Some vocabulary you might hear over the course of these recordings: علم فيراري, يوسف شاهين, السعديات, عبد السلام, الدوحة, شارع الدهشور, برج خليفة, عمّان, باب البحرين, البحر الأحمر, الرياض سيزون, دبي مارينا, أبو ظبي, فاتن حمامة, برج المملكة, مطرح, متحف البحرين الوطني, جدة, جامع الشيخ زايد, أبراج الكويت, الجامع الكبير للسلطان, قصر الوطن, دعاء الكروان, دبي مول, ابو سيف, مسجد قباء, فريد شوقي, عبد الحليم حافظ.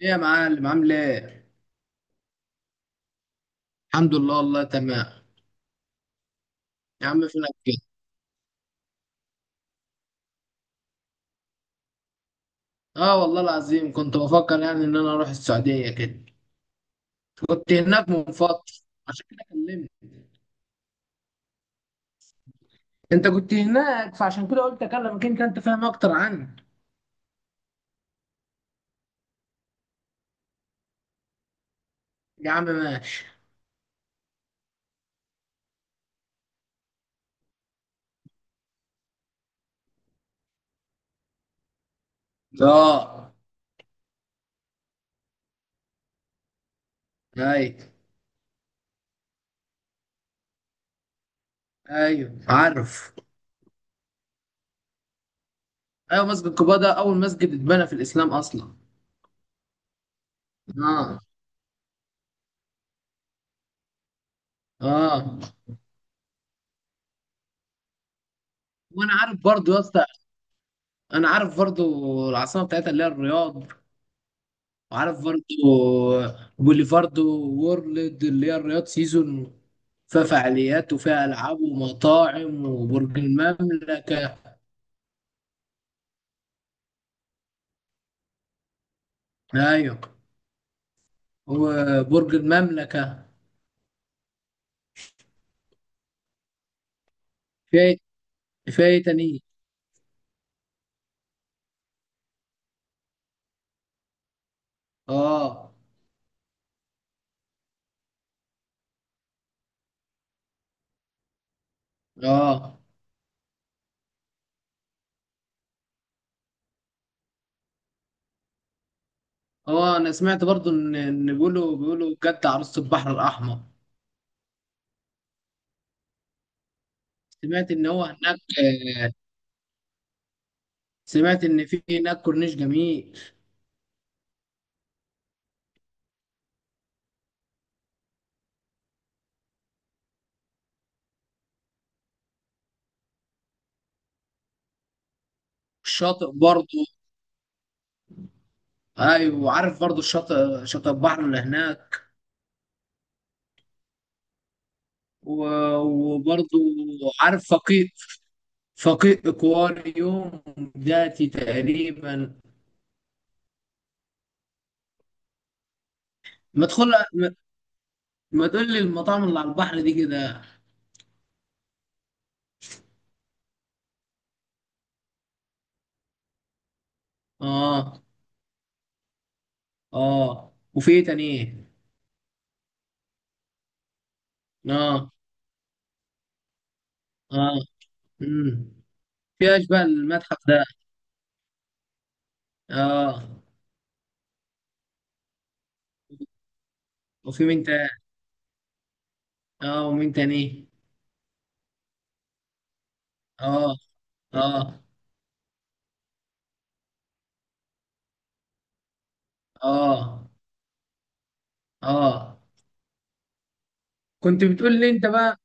ايه يا معلم، عامل ايه؟ الحمد لله والله تمام. يا عم فينك كده؟ اه والله العظيم كنت بفكر يعني ان انا اروح السعودية كده. كنت هناك من فترة عشان كده كلمت. انت كنت هناك فعشان كده قلت اكلمك، انت انت فاهم اكتر عني. يا عم ماشي. اه. ايوه. ايوه عارف. ايوه، مسجد قباء ده اول مسجد اتبنى في الاسلام اصلا. اه. اه وانا عارف برضو يا اسطى، انا عارف برضو. العاصمة بتاعتها اللي هي الرياض. وعارف برضو بوليفاردو وورلد اللي هي الرياض سيزون، فيها فعاليات وفيها ألعاب ومطاعم وبرج المملكة. أيوة وبرج المملكة. في في إيه تاني؟ آه. آه هو أنا سمعت برضو إن بيقولوا جدة عروسة البحر الأحمر. سمعت إن هو هناك. آه، سمعت إن في هناك كورنيش جميل. الشاطئ برضو. أيوة وعارف برضو الشاطئ، شاطئ البحر اللي هناك. و- وبرضو عارف فقيه، فقيه اكواريوم ذاتي تقريبا. ما تدخل. ما ما تقول لي المطاعم اللي على البحر دي كده. اه. اه وفي ايه تاني إيه؟ اه. اه. امم في اشباه المتحف ده. اه وفي مين تاني؟ اه ومين تاني؟ اه. اه. اه. اه. كنت بتقول لي انت بقى.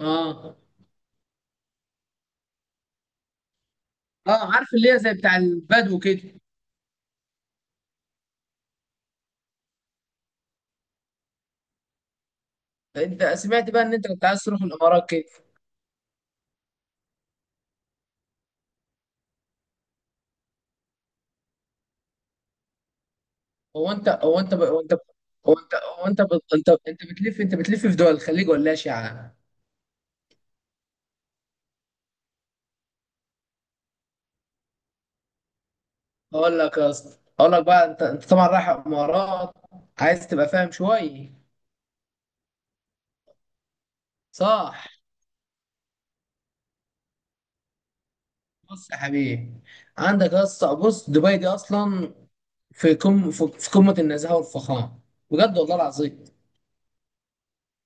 اه. اه عارف اللي هي زي بتاع البدو كده. انت سمعت بقى ان انت كنت عايز تروح الامارات كده. هو انت انت بتلف، بتلف في دول الخليج ولا اشعه؟ اقول لك يا اسطى، اقول لك بقى انت، طبعا رايح امارات، عايز تبقى فاهم شويه. صح. بص يا حبيبي، عندك يا اسطى، بص دبي دي اصلا في كم في في قمه النزاهه والفخامه، بجد والله العظيم.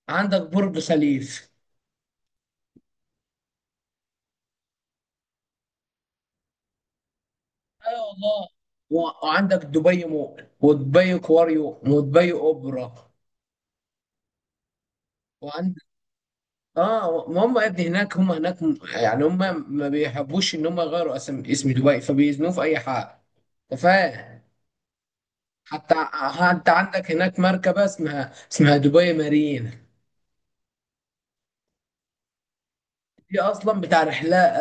عندك برج خليف، اي والله. و- وعندك دبي مول ودبي كواريو ودبي اوبرا. وعندك، اه، ما هم يا ابني هناك، يعني هم ما بيحبوش ان هم يغيروا اسم دبي، فبيزنوه في اي حاجه، انت فاهم. حتى عندك هناك مركبه اسمها دبي مارينا، دي اصلا بتاع رحلات،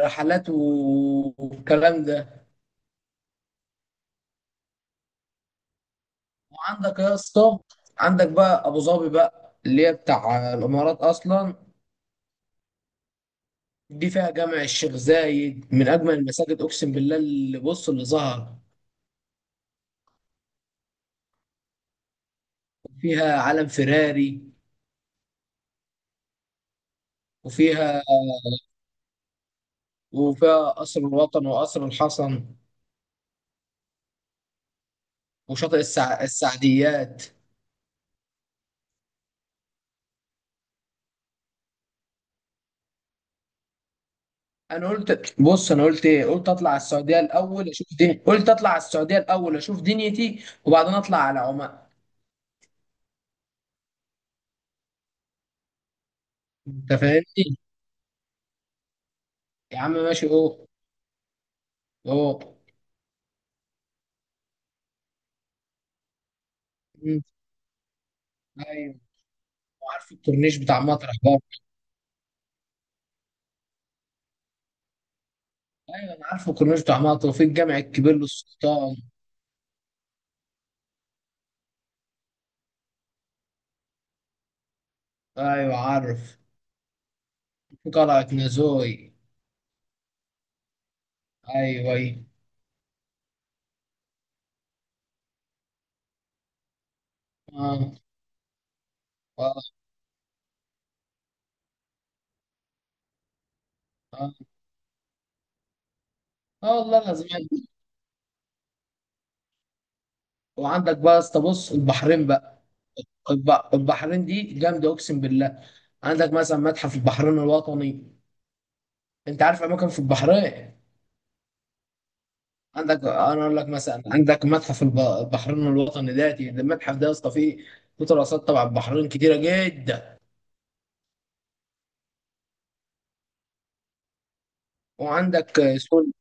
رحلات و- والكلام ده. وعندك يا اسطى، عندك بقى ابو ظبي بقى اللي هي بتاع الامارات اصلا، دي فيها جامع الشيخ زايد من اجمل المساجد، اقسم بالله اللي بص اللي ظهر. وفيها علم فيراري. وفيها وفيها قصر الوطن وقصر الحسن وشاطئ السعديات. انا قلت بص، انا قلت ايه، قلت اطلع على السعوديه الاول اشوف دنيتي وبعدين اطلع على عمان. انت فاهمني. يا عم ماشي. اوه. اوه. مم. ايوه وعارف الكورنيش بتاع مطرح برضه. ايوه انا عارف الكورنيش بتاع مطرح، وفي الجامع الكبير للسلطان. ايوه عارف. في قلعه نازوي. ايوه، ايوه. اه. اه. اه, آه والله لازم. وعندك بقى يا اسطى، بص البحرين بقى. البحرين دي جامده، اقسم بالله. عندك مثلا متحف البحرين الوطني. انت عارف اماكن في البحرين؟ عندك، انا اقول لك مثلا، عندك متحف البحرين الوطني ده، المتحف ده يا اسطى فيه، فيه تراثات تبع البحرين كتيره جدا. وعندك سول.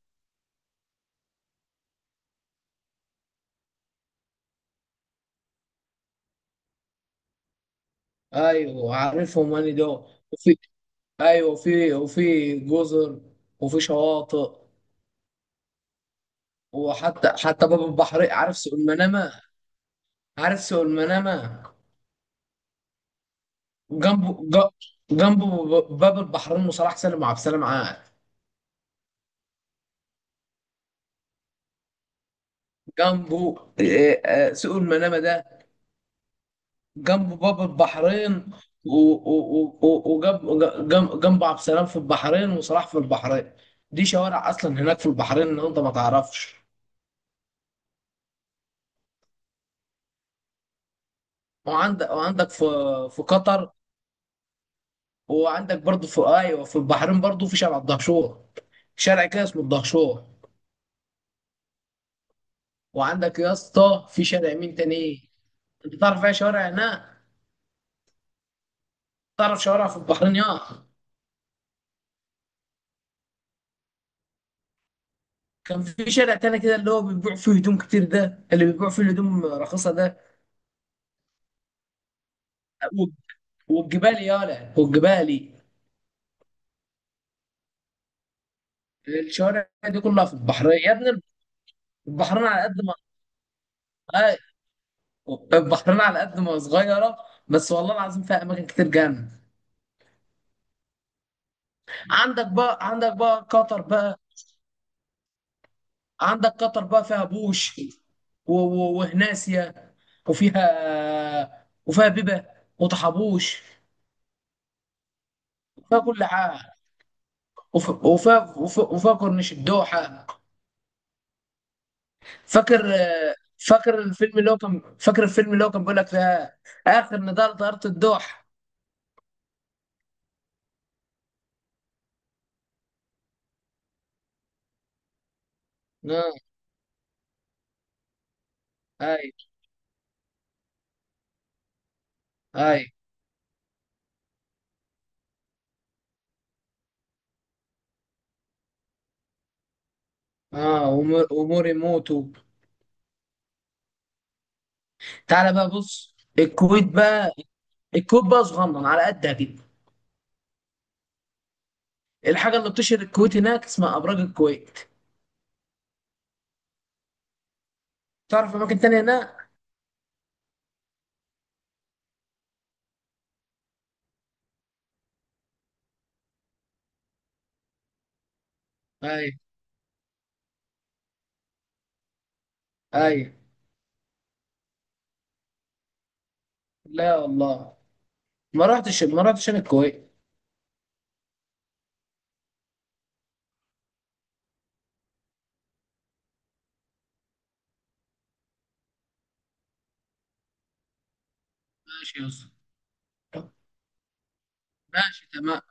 ايوه عارفهم انا دول. وفي، ايوه، وفي جزر وفي شواطئ. وحتى باب البحرين. عارف سوق المنامه؟ عارف سوق المنامه، جنبه ج- جنبه باب البحرين وصلاح سالم وعبد السلام عاد. جنبه، سوق المنامه ده، جنبه باب البحرين. وجنبه عبد السلام في البحرين وصلاح في البحرين. دي شوارع اصلا هناك في البحرين ان انت ما تعرفش. وعندك في، في قطر. وعندك برضه في، ايوه، في البحرين برضه في شارع الدهشور، شارع كده اسمه الدهشور. وعندك يا اسطى في شارع مين تاني؟ انت تعرف ايه شوارع هناك؟ تعرف شوارع في البحرين يا... كان في شارع تاني كده اللي هو بيبيع فيه هدوم كتير، ده اللي بيبيع فيه الهدوم رخيصة ده. والج- والجبال يالا والجبالي. الشوارع دي كلها في البحرين يا ابني. البحرين على قد ما آه، البحرين على قد ما صغيرة، بس والله العظيم فيها أماكن كتير جامدة. عندك بقى قطر بقى. عندك قطر بقى فيها بوش، و- و- وهناسيا. وفيها وفيها بيبة وطحبوش وفيها كل حاجة. وف... وف... وف... وفاكر مش الدوحة. فاكر. فاكر الفيلم اللي هو كان فاكر الفيلم اللي هو كان بيقول لك فيها آخر نضال طيارة الدوحة. آه. أي. أي. آه وم- ومور يموتوا. تعالى بقى بص الكويت بقى. الكويت بقى صغنن على قدها كده. الحاجة اللي بتشهر الكويت هناك اسمها أبراج الكويت. تعرف أماكن تانية هناك؟ أي. أي. لا والله. ما رحتش أنا الكويت. ماشي يا أسطى. ماشي تمام.